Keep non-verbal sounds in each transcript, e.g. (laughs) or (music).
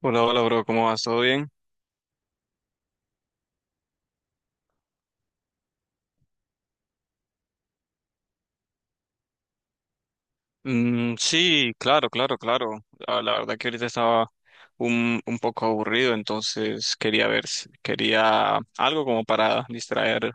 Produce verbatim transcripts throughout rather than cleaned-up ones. Hola, hola, bro, ¿cómo vas? ¿Todo bien? Mm, sí, claro, claro, claro. Ah, la verdad que ahorita estaba un, un poco aburrido, entonces quería ver, si- quería algo como para distraer,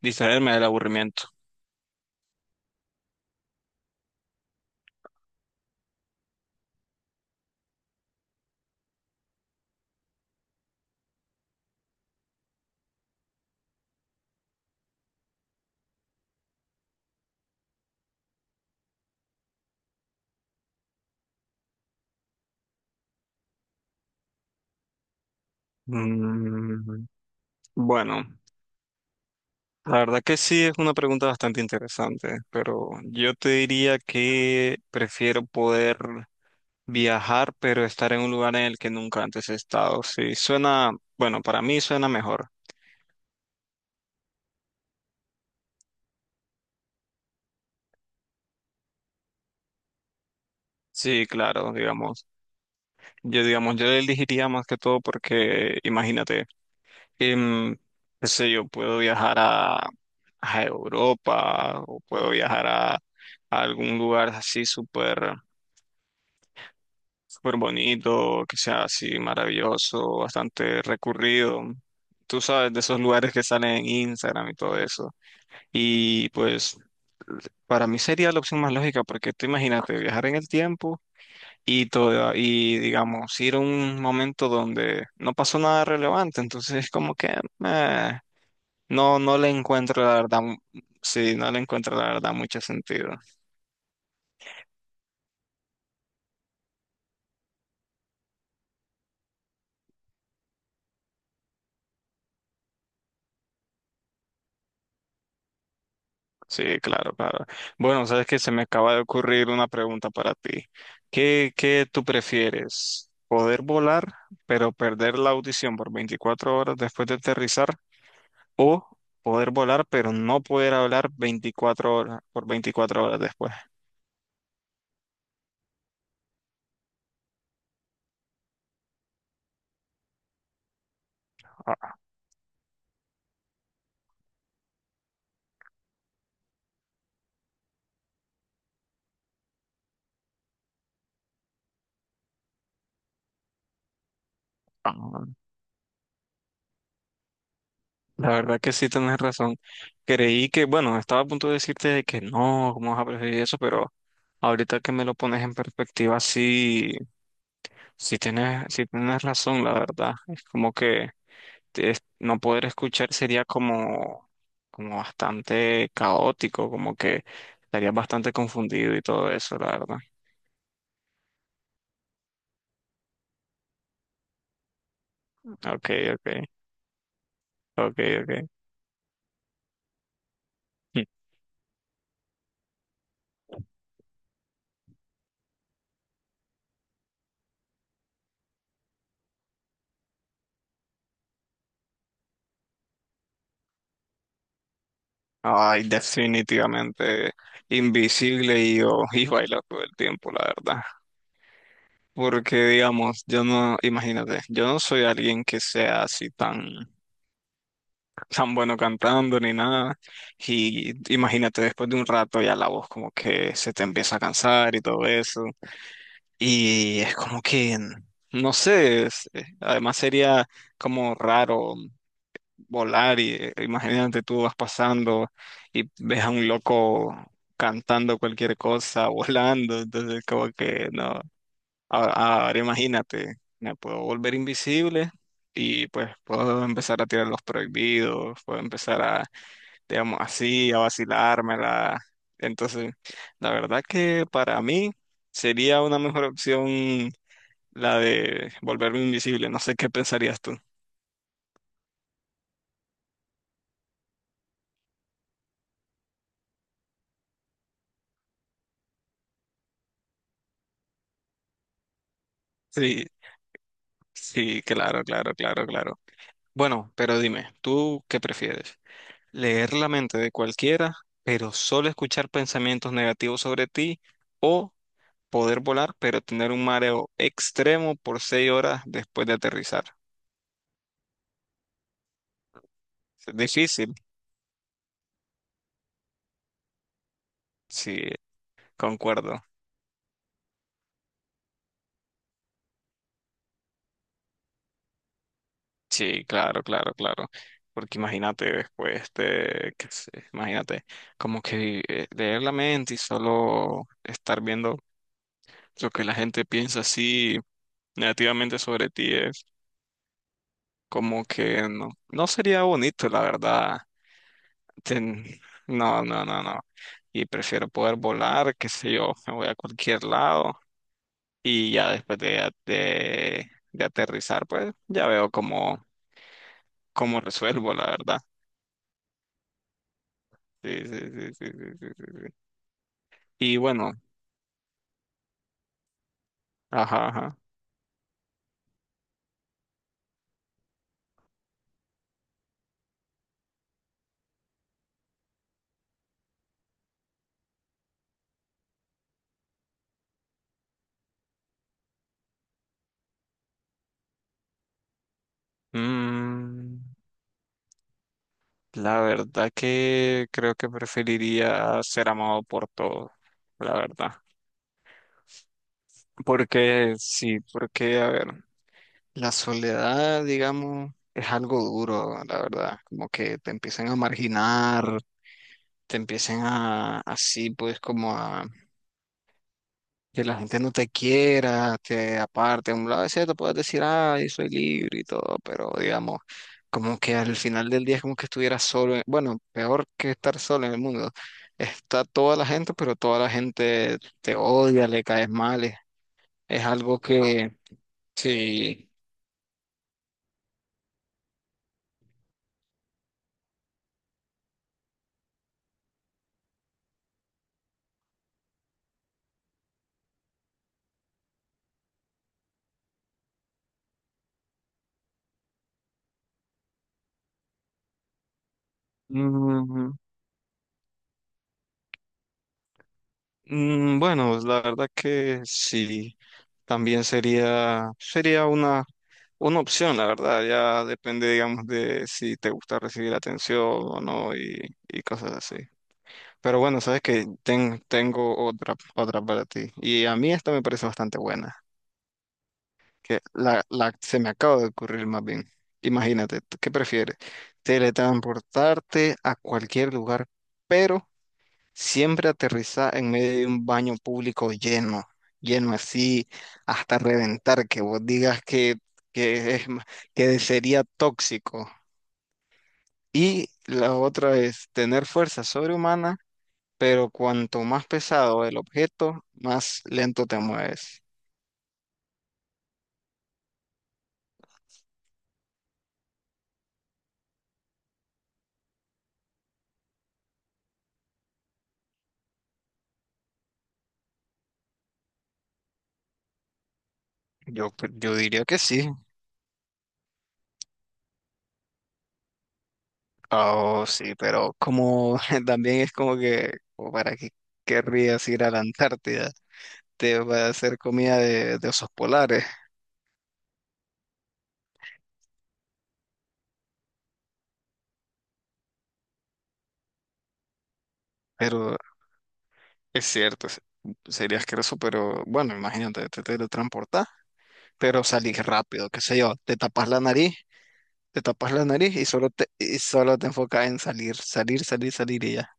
distraerme del aburrimiento. Mm, bueno, la verdad que sí es una pregunta bastante interesante, pero yo te diría que prefiero poder viajar, pero estar en un lugar en el que nunca antes he estado. Sí, suena, bueno, para mí suena mejor. Sí, claro, digamos. Yo, digamos, yo le elegiría más que todo porque, imagínate, em, qué sé yo, puedo viajar a, a Europa, o puedo viajar a, a algún lugar así súper, súper bonito, que sea así maravilloso, bastante recurrido. Tú sabes, de esos lugares que salen en Instagram y todo eso. Y pues, para mí sería la opción más lógica porque tú imagínate viajar en el tiempo y, toda- y digamos, ir a un momento donde no pasó nada relevante, entonces es como que eh, no, no le encuentro la verdad, mu- sí, no le encuentro la verdad mucho sentido. Sí, claro, claro. Bueno, sabes que se me acaba de ocurrir una pregunta para ti. ¿Qué, qué tú prefieres? ¿Poder volar, pero perder la audición por veinticuatro horas después de aterrizar? ¿O poder volar, pero no poder hablar veinticuatro horas por veinticuatro horas después? Ah, ah, la verdad que sí tenés razón. Creí que, bueno, estaba a punto de decirte de que no, cómo vas a preferir eso, pero ahorita que me lo pones en perspectiva, sí, sí tienes, sí tienes razón, la verdad. Es como que te- es- no poder escuchar sería como, como bastante caótico, como que estarías bastante confundido y todo eso, la verdad. Okay, okay, okay, okay. Mm. Ay, definitivamente invisible y yo (laughs) y a bailar todo el tiempo, la verdad. Porque, digamos, yo no, imagínate, yo no soy alguien que sea así tan, tan bueno cantando ni nada. Y imagínate, después de un rato ya la voz como que se te empieza a cansar y todo eso. Y es como que, no sé, es- eh, además sería como raro volar y eh, imagínate tú vas pasando y ves a un loco cantando cualquier cosa, (laughs) volando. Entonces, como que no. A- Ahora imagínate, me puedo volver invisible y pues puedo empezar a tirar los prohibidos, puedo empezar a, digamos así, a vacilármela. Entonces, la verdad que para mí sería una mejor opción la de volverme invisible. No sé qué pensarías tú. Sí, sí, claro, claro, claro, claro. Bueno, pero dime, ¿tú qué prefieres? ¿Leer la mente de cualquiera, pero solo escuchar pensamientos negativos sobre ti, o poder volar, pero tener un mareo extremo por seis horas después de aterrizar? Es difícil, sí, concuerdo. Sí, claro, claro, claro. Porque imagínate después de, qué sé, imagínate, como que eh, leer la mente y solo estar viendo lo que la gente piensa así negativamente sobre ti es como que no, no sería bonito, la verdad. Ten- no, no, no, no. Y prefiero poder volar, qué sé yo, me voy a cualquier lado, y ya después de, de, de aterrizar, pues ya veo cómo, cómo resuelvo, la verdad. Sí, sí, sí, sí, sí, sí, sí, sí. Y bueno, ajá, ajá. Mm, la verdad que creo que preferiría ser amado por todos, la verdad. Porque sí, porque, a ver, la soledad, digamos, es algo duro, la verdad. Como que te empiezan a marginar, te empiezan a, así, pues como a que la gente no te quiera, te aparte. A un lado es cierto, puedes decir, ay, soy libre y todo, pero digamos, como que al final del día es como que estuvieras solo. en- Bueno, peor que estar solo en el mundo. Está toda la gente, pero toda la gente te odia, le caes mal. Es, es algo que, sí. Mm, mm, bueno, la verdad que sí. También sería, sería una Una opción, la verdad, ya depende, digamos, de si te gusta recibir atención o no, y, y cosas así. Pero bueno, sabes que tengo otra, otra para ti. Y a mí esta me parece bastante buena, que la, la se me acaba de ocurrir más bien. Imagínate, ¿tú ¿qué prefieres? Teletransportarte a cualquier lugar, pero siempre aterriza en medio de un baño público lleno, lleno así hasta reventar, que vos digas que, que, es, ma- que sería tóxico. Y la otra es tener fuerza sobrehumana, pero cuanto más pesado el objeto, más lento te mueves. Yo, cre- yo diría que sí. Oh, sí, pero como (laughs) también es como que, o ¿para qué querrías ir a la Antártida? Te va a hacer comida de, de osos polares. Pero es cierto, es- sería asqueroso, pero bueno, imagínate, te teletransportás, pero salís rápido, qué sé yo, te tapas la nariz, te tapas la nariz y solo te, y solo te enfocas en salir, salir, salir, salir y ya.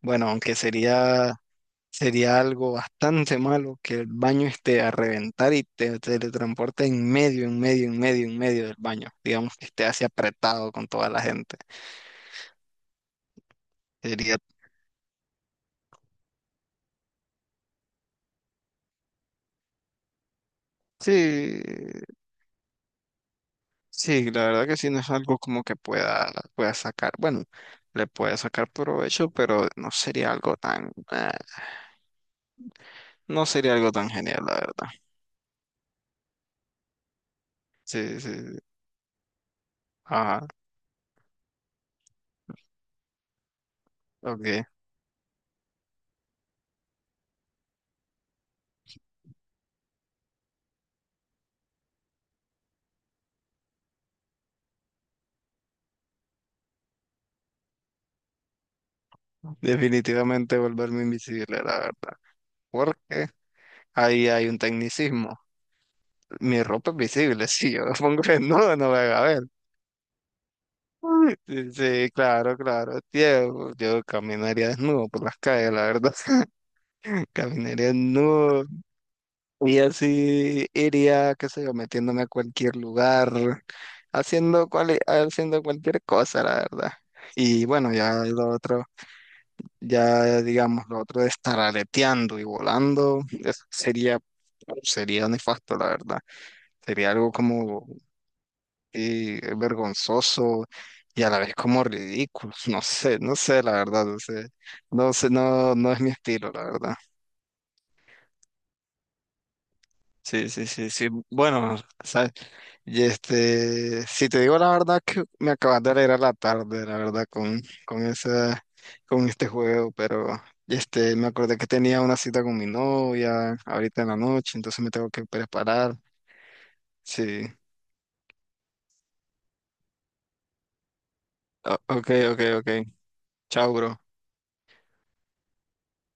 Bueno, aunque sería, sería algo bastante malo que el baño esté a reventar y te teletransporte en medio, en medio, en medio, en medio del baño. Digamos que esté así apretado con toda la gente. Sería, sí, sí, la verdad que sí, no es algo como que pueda, pueda sacar, bueno, le puede sacar provecho, pero no sería algo tan, eh, no sería algo tan genial, la verdad. Sí, sí, sí. Ajá, ok. Definitivamente volverme invisible, la verdad. Porque ahí hay un tecnicismo. Mi ropa es visible, (laughs) si yo me pongo desnudo no me van a ver. Sí, sí, claro, claro. Tío, yo caminaría desnudo por las calles, la verdad. (laughs) Caminaría desnudo y así iría, qué sé yo, metiéndome a cualquier lugar, haciendo, cual, haciendo cualquier cosa, la verdad. Y bueno, ya lo otro, ya digamos, lo otro de estar aleteando y volando, eso sería, sería nefasto, la verdad. Sería algo como eh, vergonzoso y a la vez como ridículo. (laughs) No sé, no sé, la verdad, no sé, no sé, no, no es mi estilo, la verdad. Sí, sí, sí, sí. Bueno, sabes, y este, si te digo la verdad que me acabas de alegrar la tarde, la verdad, con, con esa, con este juego, pero este, me acordé que tenía una cita con mi novia ahorita en la noche, entonces me tengo que preparar. Sí. O- ok, ok, ok. Chao, bro.